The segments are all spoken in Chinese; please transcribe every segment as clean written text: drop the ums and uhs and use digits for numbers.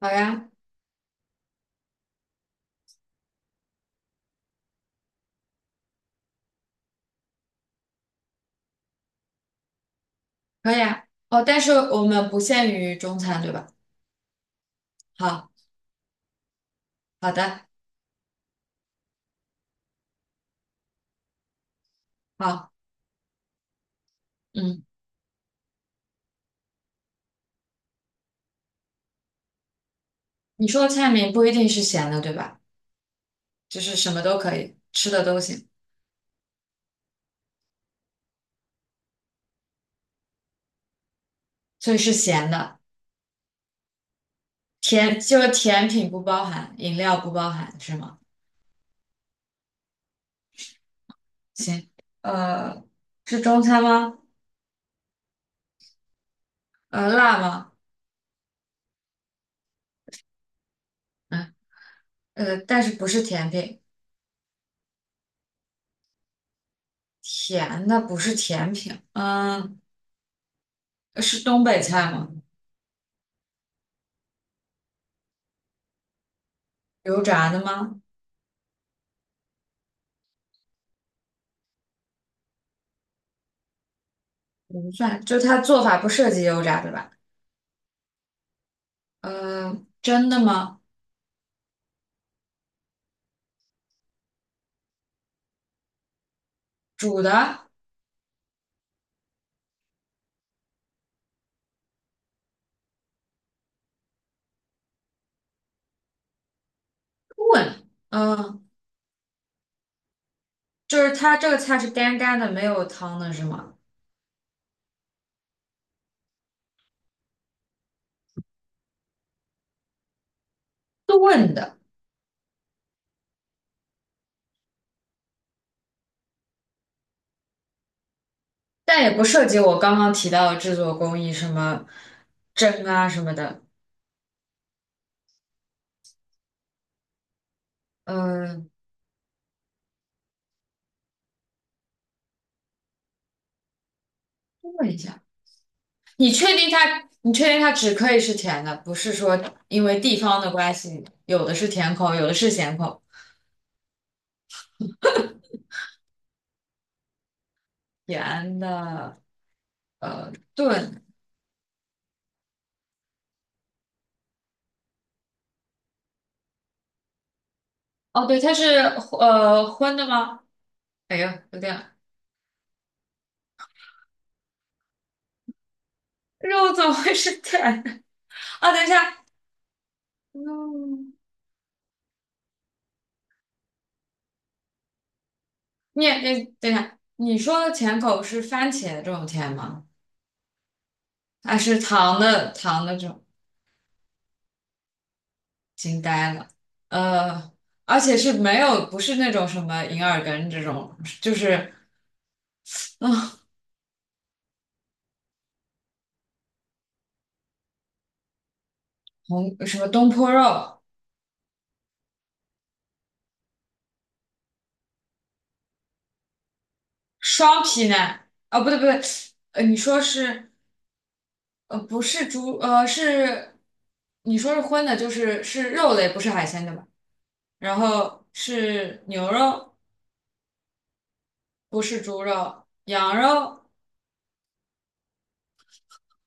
好呀。可以啊。哦，但是我们不限于中餐，对吧？好，好的，好，嗯，你说的菜名不一定是咸的，对吧？就是什么都可以，吃的都行，所以是咸的。甜，就是甜品不包含，饮料不包含，是吗？行，呃，是中餐吗？呃，辣吗？嗯，呃，但是不是甜品，甜的不是甜品。嗯，是东北菜吗？油炸的吗？不算，就它做法不涉及油炸，对吧？呃，真的吗？煮的？炖，嗯，就是它这个菜是干干的，没有汤的是吗？炖的，但也不涉及我刚刚提到的制作工艺，什么蒸啊什么的。嗯，问一下，你确定它？你确定它只可以是甜的，不是说因为地方的关系，有的是甜口，有的是咸口。甜的，呃，炖。哦，对，它是荤的吗？哎呦，有点肉怎么会是甜的？啊，等一下，嗯，你也你等一下，你说的甜口是番茄这种甜吗？还是糖的这种？惊呆了，呃，而且是没有，不是那种什么银耳羹这种，就是嗯红什么东坡肉、双皮奶，哦，不对不对，呃，你说是不是猪是，你说是荤的，就是是肉类，不是海鲜对吧？然后是牛肉，不是猪肉，羊肉。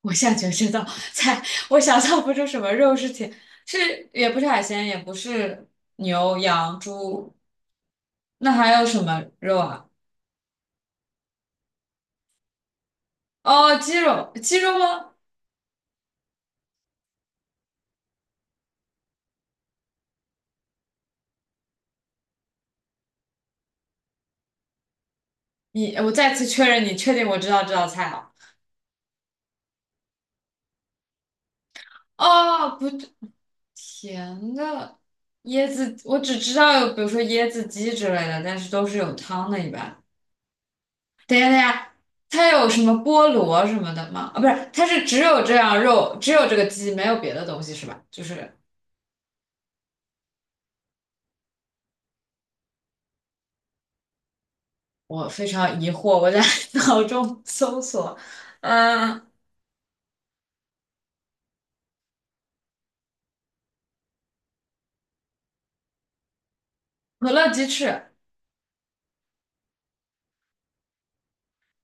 我现在觉得这道菜，我想象不出什么肉是甜，是也不是海鲜，也不是牛、羊、猪，那还有什么肉啊？哦，鸡肉，鸡肉吗？你，我再次确认，你确定我知道这道菜了？哦，不对，甜的椰子，我只知道有，比如说椰子鸡之类的，但是都是有汤的，一般。等一下，等一下，它有什么菠萝什么的吗？啊，不是，它是只有这样肉，只有这个鸡，没有别的东西是吧？就是。我非常疑惑，我在 脑中搜索，嗯，可乐鸡翅，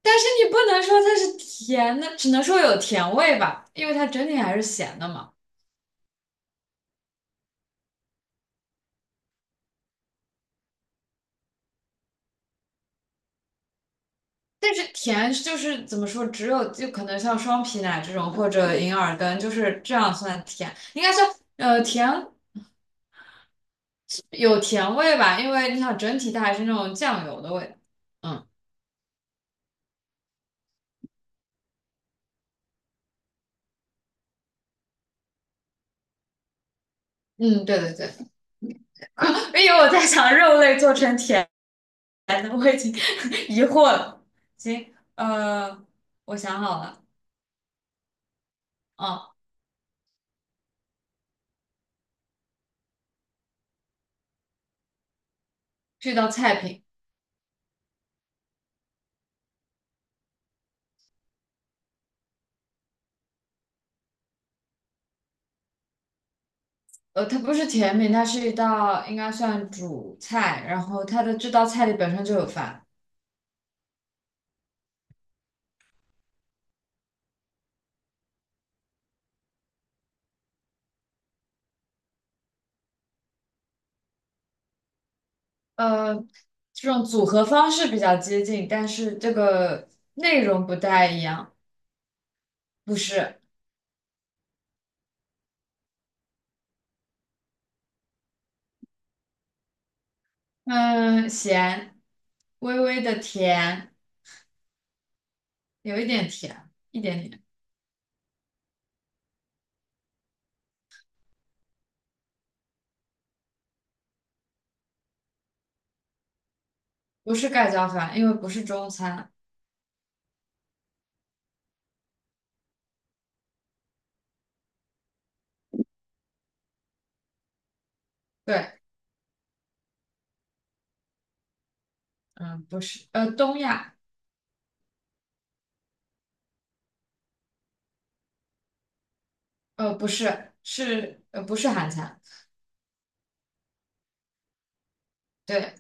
但是你不能说它是甜的，只能说有甜味吧，因为它整体还是咸的嘛。但是甜就是怎么说，只有就可能像双皮奶这种或者银耳羹，就是这样算甜，应该算甜有甜味吧，因为你想整体它还是那种酱油的味道。嗯嗯，对对对，因为我在想肉类做成甜。来的，我已经 疑惑了。行，我想好了，哦，这道菜品，呃，它不是甜品，它是一道应该算主菜，然后它的这道菜里本身就有饭，呃，这种组合方式比较接近，但是这个内容不太一样，不是，嗯，咸，微微的甜，有一点甜，一点点，不是盖浇饭，因为不是中餐，对，嗯，不是，东亚。呃，不是，是不是韩餐，对，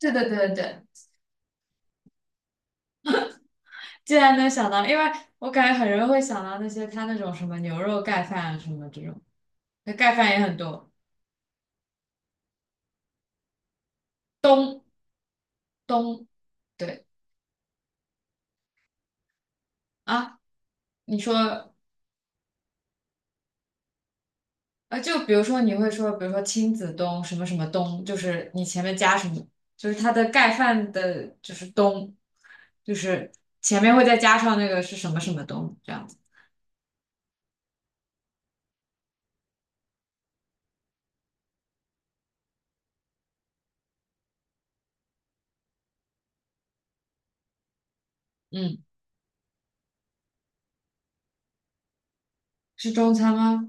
对对对对，对。竟然能想到，因为我感觉很容易会想到那些他那种什么牛肉盖饭啊什么这种，那盖饭也很多，东东，对啊，你说就比如说你会说，比如说亲子东什么什么东，就是你前面加什么，就是它的盖饭的，就是东，就是前面会再加上那个是什么什么东这样子，嗯，是中餐吗？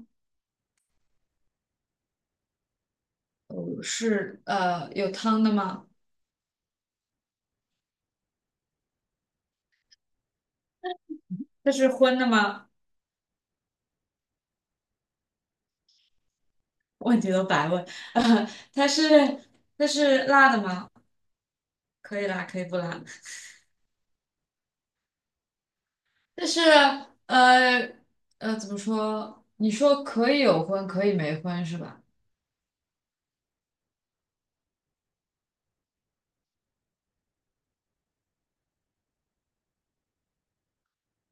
是有汤的吗？它是荤的吗？问题都白问。呃，它是它是辣的吗？可以辣，可以不辣。但是呃怎么说？你说可以有荤，可以没荤是吧？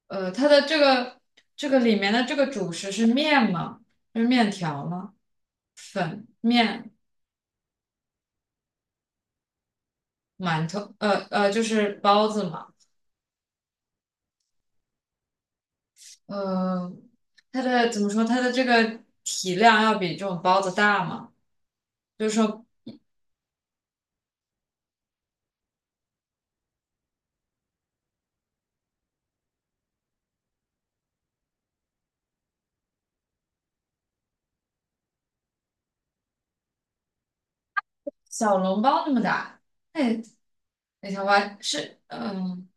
它的这个里面的这个主食是面吗？是面条吗？粉、面、馒头，就是包子嘛。呃，它的怎么说？它的这个体量要比这种包子大吗？就是说小笼包那么大。哎，那条华是，嗯，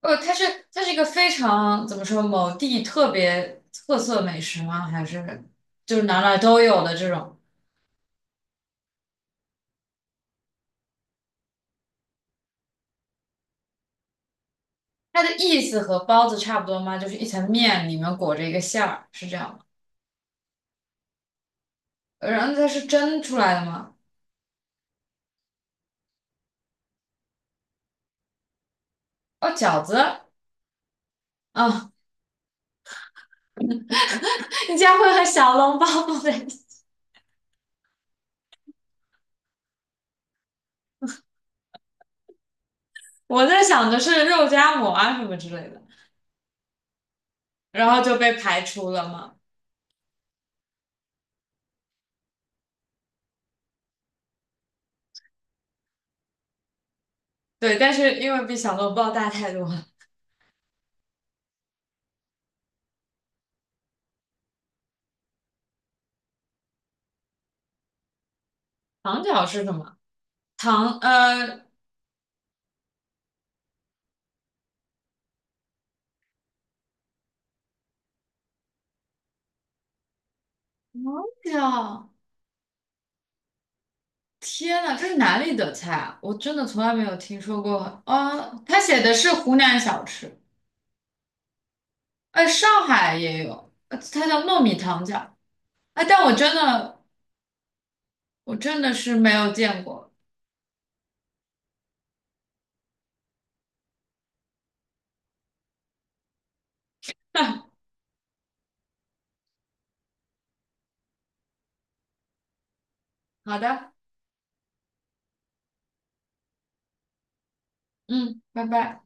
哦，它是它是一个非常怎么说某地特别特色美食吗？还是就是哪哪都有的这种？它的意思和包子差不多吗？就是一层面里面裹着一个馅儿，是这样吗？然后它是蒸出来的吗？哦，饺子啊，你家会和小笼包不在一起？我在想的是肉夹馍啊什么之类的，然后就被排除了嘛。对，但是因为比小笼包大太多了。糖饺是什么？糖是啊，天呐，这是哪里的菜啊？我真的从来没有听说过。啊！他写的是湖南小吃，哎，上海也有，呃它叫糯米糖饺。哎，但我真的，我真的是没有见过。好的，嗯，拜拜。